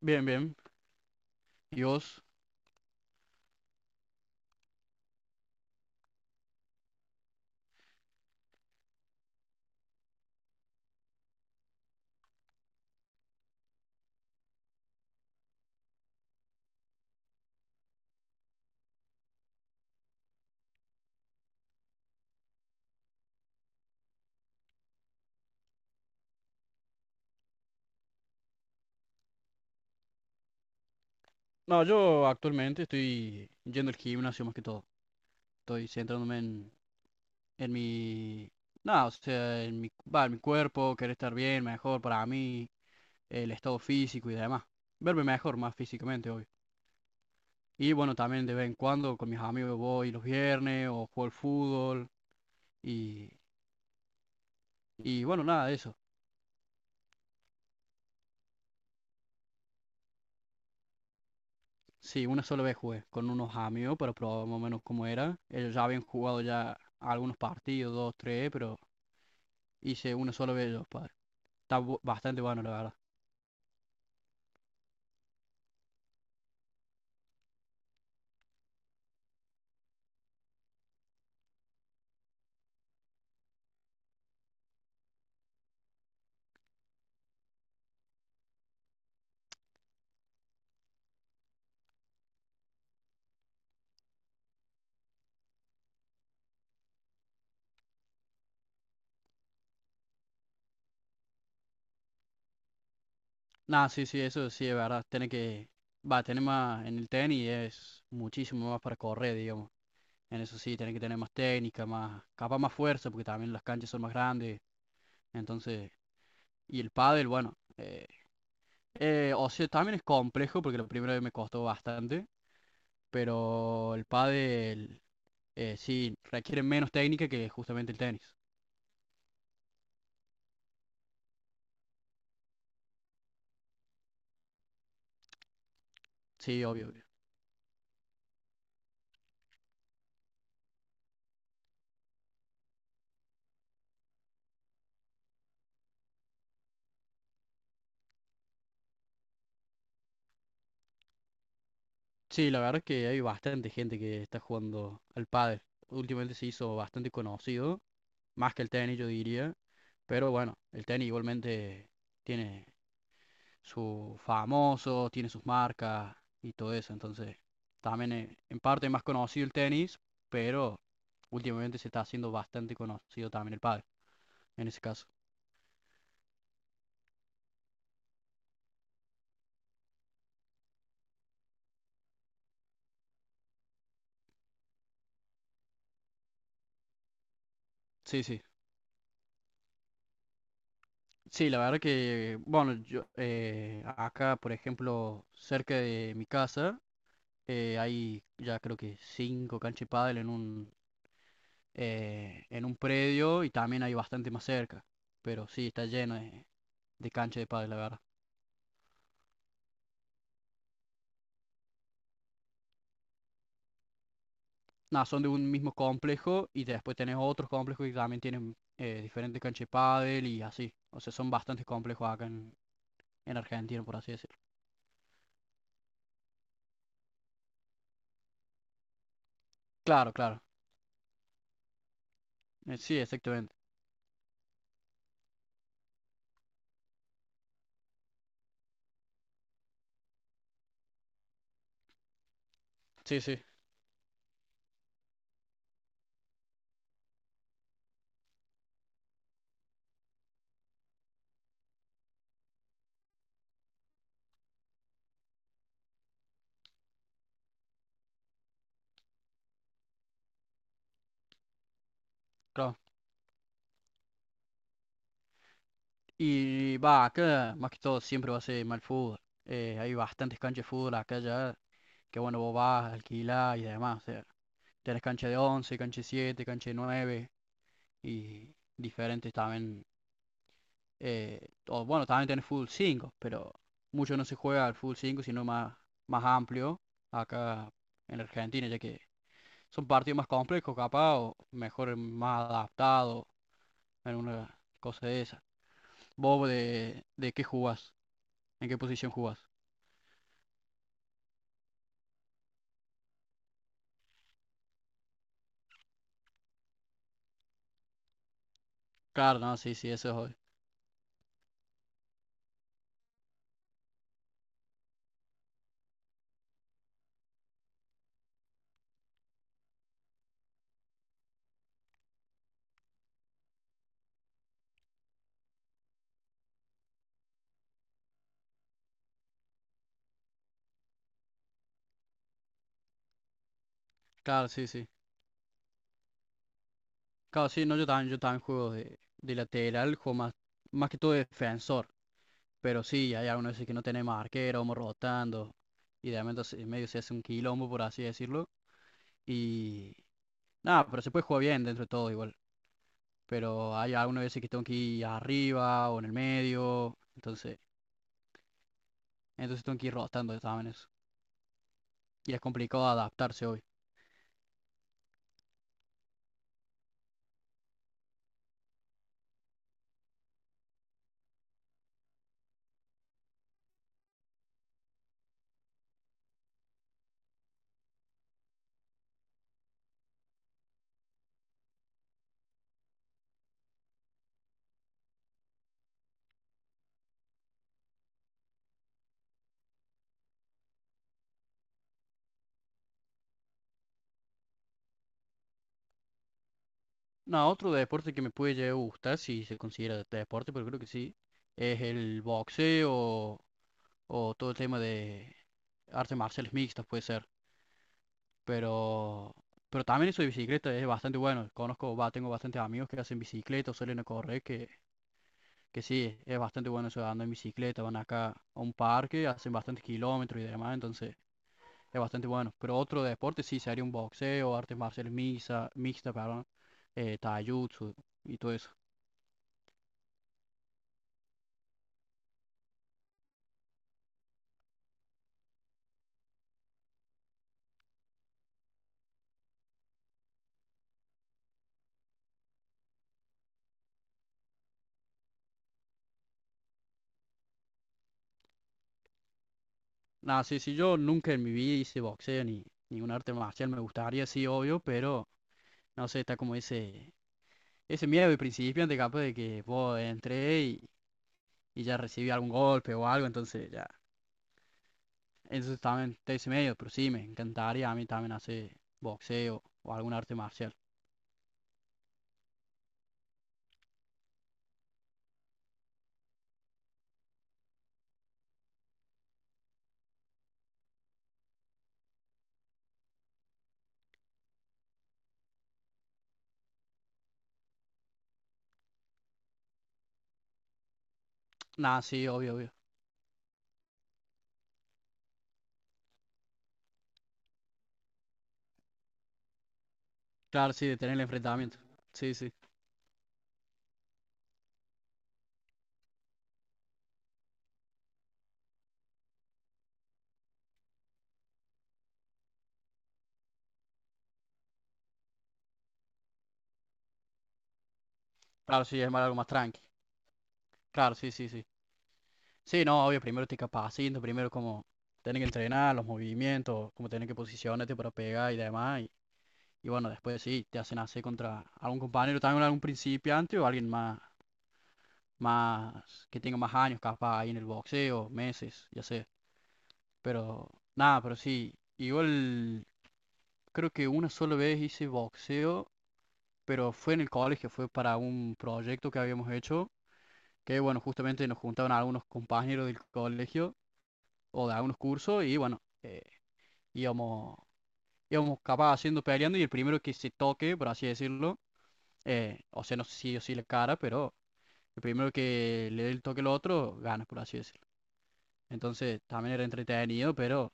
Bien, bien. ¿Y vos? No, yo actualmente estoy yendo al gimnasio más que todo. Estoy centrándome en mi. Nada, o sea, en mi, va, en mi cuerpo, querer estar bien, mejor para mí, el estado físico y demás. Verme mejor, más físicamente, obvio. Y bueno, también de vez en cuando con mis amigos voy los viernes o juego al fútbol y, y bueno, nada de eso. Sí, una sola vez jugué con unos amigos para probar más o menos cómo era. Ellos ya habían jugado ya algunos partidos, dos, tres, pero. Hice uno solo de ellos, padre. Está bastante bueno, la verdad. Nah, sí, sí, eso sí es verdad. Tiene que. Va, tener más en el tenis es muchísimo más para correr, digamos. En eso sí, tiene que tener más técnica, más. Capaz más fuerza, porque también las canchas son más grandes. Entonces. Y el pádel, bueno, o sea, también es complejo, porque la primera vez me costó bastante. Pero el pádel, sí, requiere menos técnica que justamente el tenis. Sí, obvio. Sí, la verdad que hay bastante gente que está jugando al pádel. Últimamente se hizo bastante conocido, más que el tenis, yo diría. Pero bueno, el tenis igualmente tiene sus famosos, tiene sus marcas y todo eso. Entonces, también en parte es más conocido el tenis, pero últimamente se está haciendo bastante conocido también el pádel, en ese caso. Sí, sí. Sí, la verdad que, bueno, yo acá, por ejemplo, cerca de mi casa, hay ya creo que cinco canchas de pádel en un predio y también hay bastante más cerca. Pero sí, está lleno de canchas de pádel, la verdad. Nada, son de un mismo complejo y después tenés otros complejos que también tienen diferentes canchas de pádel y así. O sea, son bastantes complejos acá en Argentina, por así decirlo. Claro, claro. Sí, exactamente. Sí, sí, claro. Y va, acá más que todo siempre va a ser mal fútbol. Hay bastantes canchas de fútbol acá ya, que bueno, vos vas, alquilás y demás. O sea, tenés cancha de 11 cancha de 7, cancha de 9 y diferentes también. eh, o bueno, también tenés fútbol 5 pero mucho no se juega al fútbol 5 sino más amplio acá en Argentina, ya que son partidos más complejos, capaz, o mejor, más adaptados en una cosa de esa. ¿Vos de qué jugás? ¿En qué posición jugás? Claro, no, sí, sí, eso es obvio. Claro, sí, sí. Claro, sí, no, yo también juego de lateral, juego más que todo de defensor. Pero sí, hay algunos veces que no tenemos arquero, vamos rotando. Y de momento en medio se hace un quilombo, por así decirlo. Y nada, pero se puede jugar bien dentro de todo igual. Pero hay algunas veces que tengo que ir arriba o en el medio. Entonces tengo que ir rotando también eso. Y es complicado adaptarse hoy. No, otro deporte que me puede llegar a gustar, si se considera deporte, pero creo que sí, es el boxeo o todo el tema de artes marciales mixtas, puede ser. Pero, pero también eso de bicicleta es bastante bueno. Conozco, va, tengo bastantes amigos que hacen bicicleta, o suelen a correr, que sí, es bastante bueno eso de andar en bicicleta. Van acá a un parque, hacen bastantes kilómetros y demás, entonces es bastante bueno. Pero otro deporte sí sería un boxeo, artes marciales mixtas, mixta, taijutsu y todo eso. Nada, sí, sí, yo nunca en mi vida hice boxeo ni un arte marcial, me gustaría, sí, obvio, pero no sé, está como ese miedo de principiante capaz de que vos entré y ya recibí algún golpe o algo, entonces ya, eso también está ese medio, pero sí, me encantaría a mí también hacer boxeo o algún arte marcial. Nada, sí, obvio, obvio. Claro, sí, de tener el enfrentamiento. Sí, sí. Claro, sí, algo más tranqui. Claro, sí, sí, sí. Sí, no, obvio, primero te capacito, primero como tienen que entrenar los movimientos, como tienen que posicionarte para pegar y demás. Y bueno, después sí, te hacen hacer contra algún compañero, también algún principiante o alguien más, más que tenga más años capaz ahí en el boxeo, meses, ya sé. Pero nada, pero sí, igual creo que una sola vez hice boxeo, pero fue en el colegio, fue para un proyecto que habíamos hecho, que bueno, justamente nos juntaron algunos compañeros del colegio o de algunos cursos y bueno, íbamos, íbamos capaz haciendo peleando y el primero que se toque, por así decirlo, o sea, no sé si sí o si la cara, pero el primero que le dé el toque al otro gana, por así decirlo. Entonces también era entretenido, pero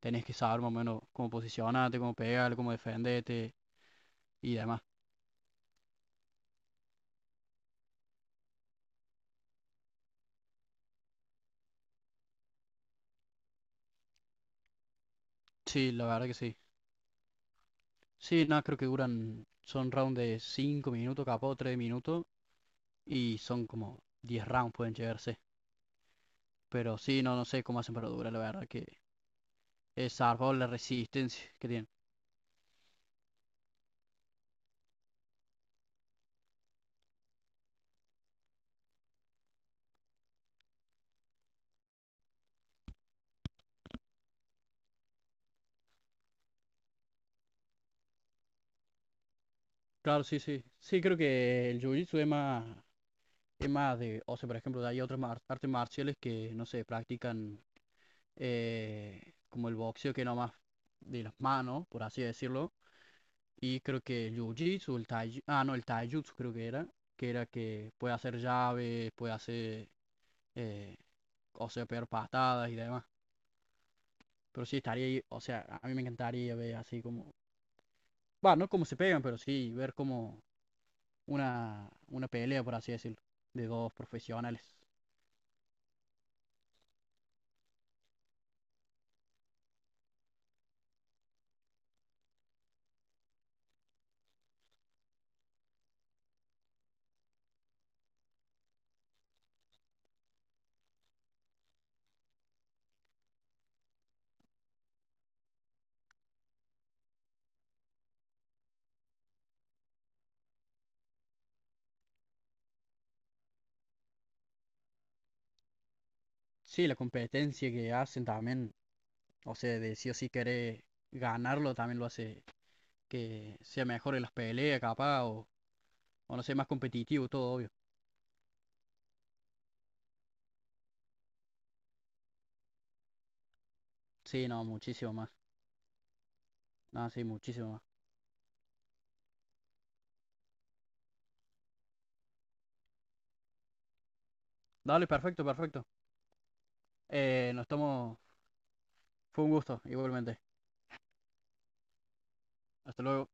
tenés que saber más o menos cómo posicionarte, cómo pegar, cómo defenderte y demás. Sí, la verdad que sí. Sí, no, creo que duran, son rounds de 5 minutos, capaz 3 minutos y son como 10 rounds pueden llegarse. Pero sí, no sé cómo hacen para durar, la verdad, que es zarpado la resistencia que tienen. Claro, sí, sí. Sí, creo que el jiu-jitsu es más de, o sea, por ejemplo, hay otras artes marciales que, no sé, practican como el boxeo, que no más de las manos, por así decirlo. Y creo que el jiu-jitsu, el tai, ah, no, el taijutsu creo que era que puede hacer llaves, puede hacer, eh, o sea, pegar patadas y demás. Pero sí, estaría, ahí, o sea, a mí me encantaría ver así como, va, no como se pegan, pero sí, ver como una pelea, por así decirlo, de dos profesionales. Sí, la competencia que hacen también, o sea, de sí o sí querer ganarlo también lo hace que sea mejor en las peleas, capaz, o no sé, más competitivo, todo obvio. Sí, no, muchísimo más. No, sí, muchísimo más. Dale, perfecto, perfecto. Nos estamos, fue un gusto, igualmente. Hasta luego.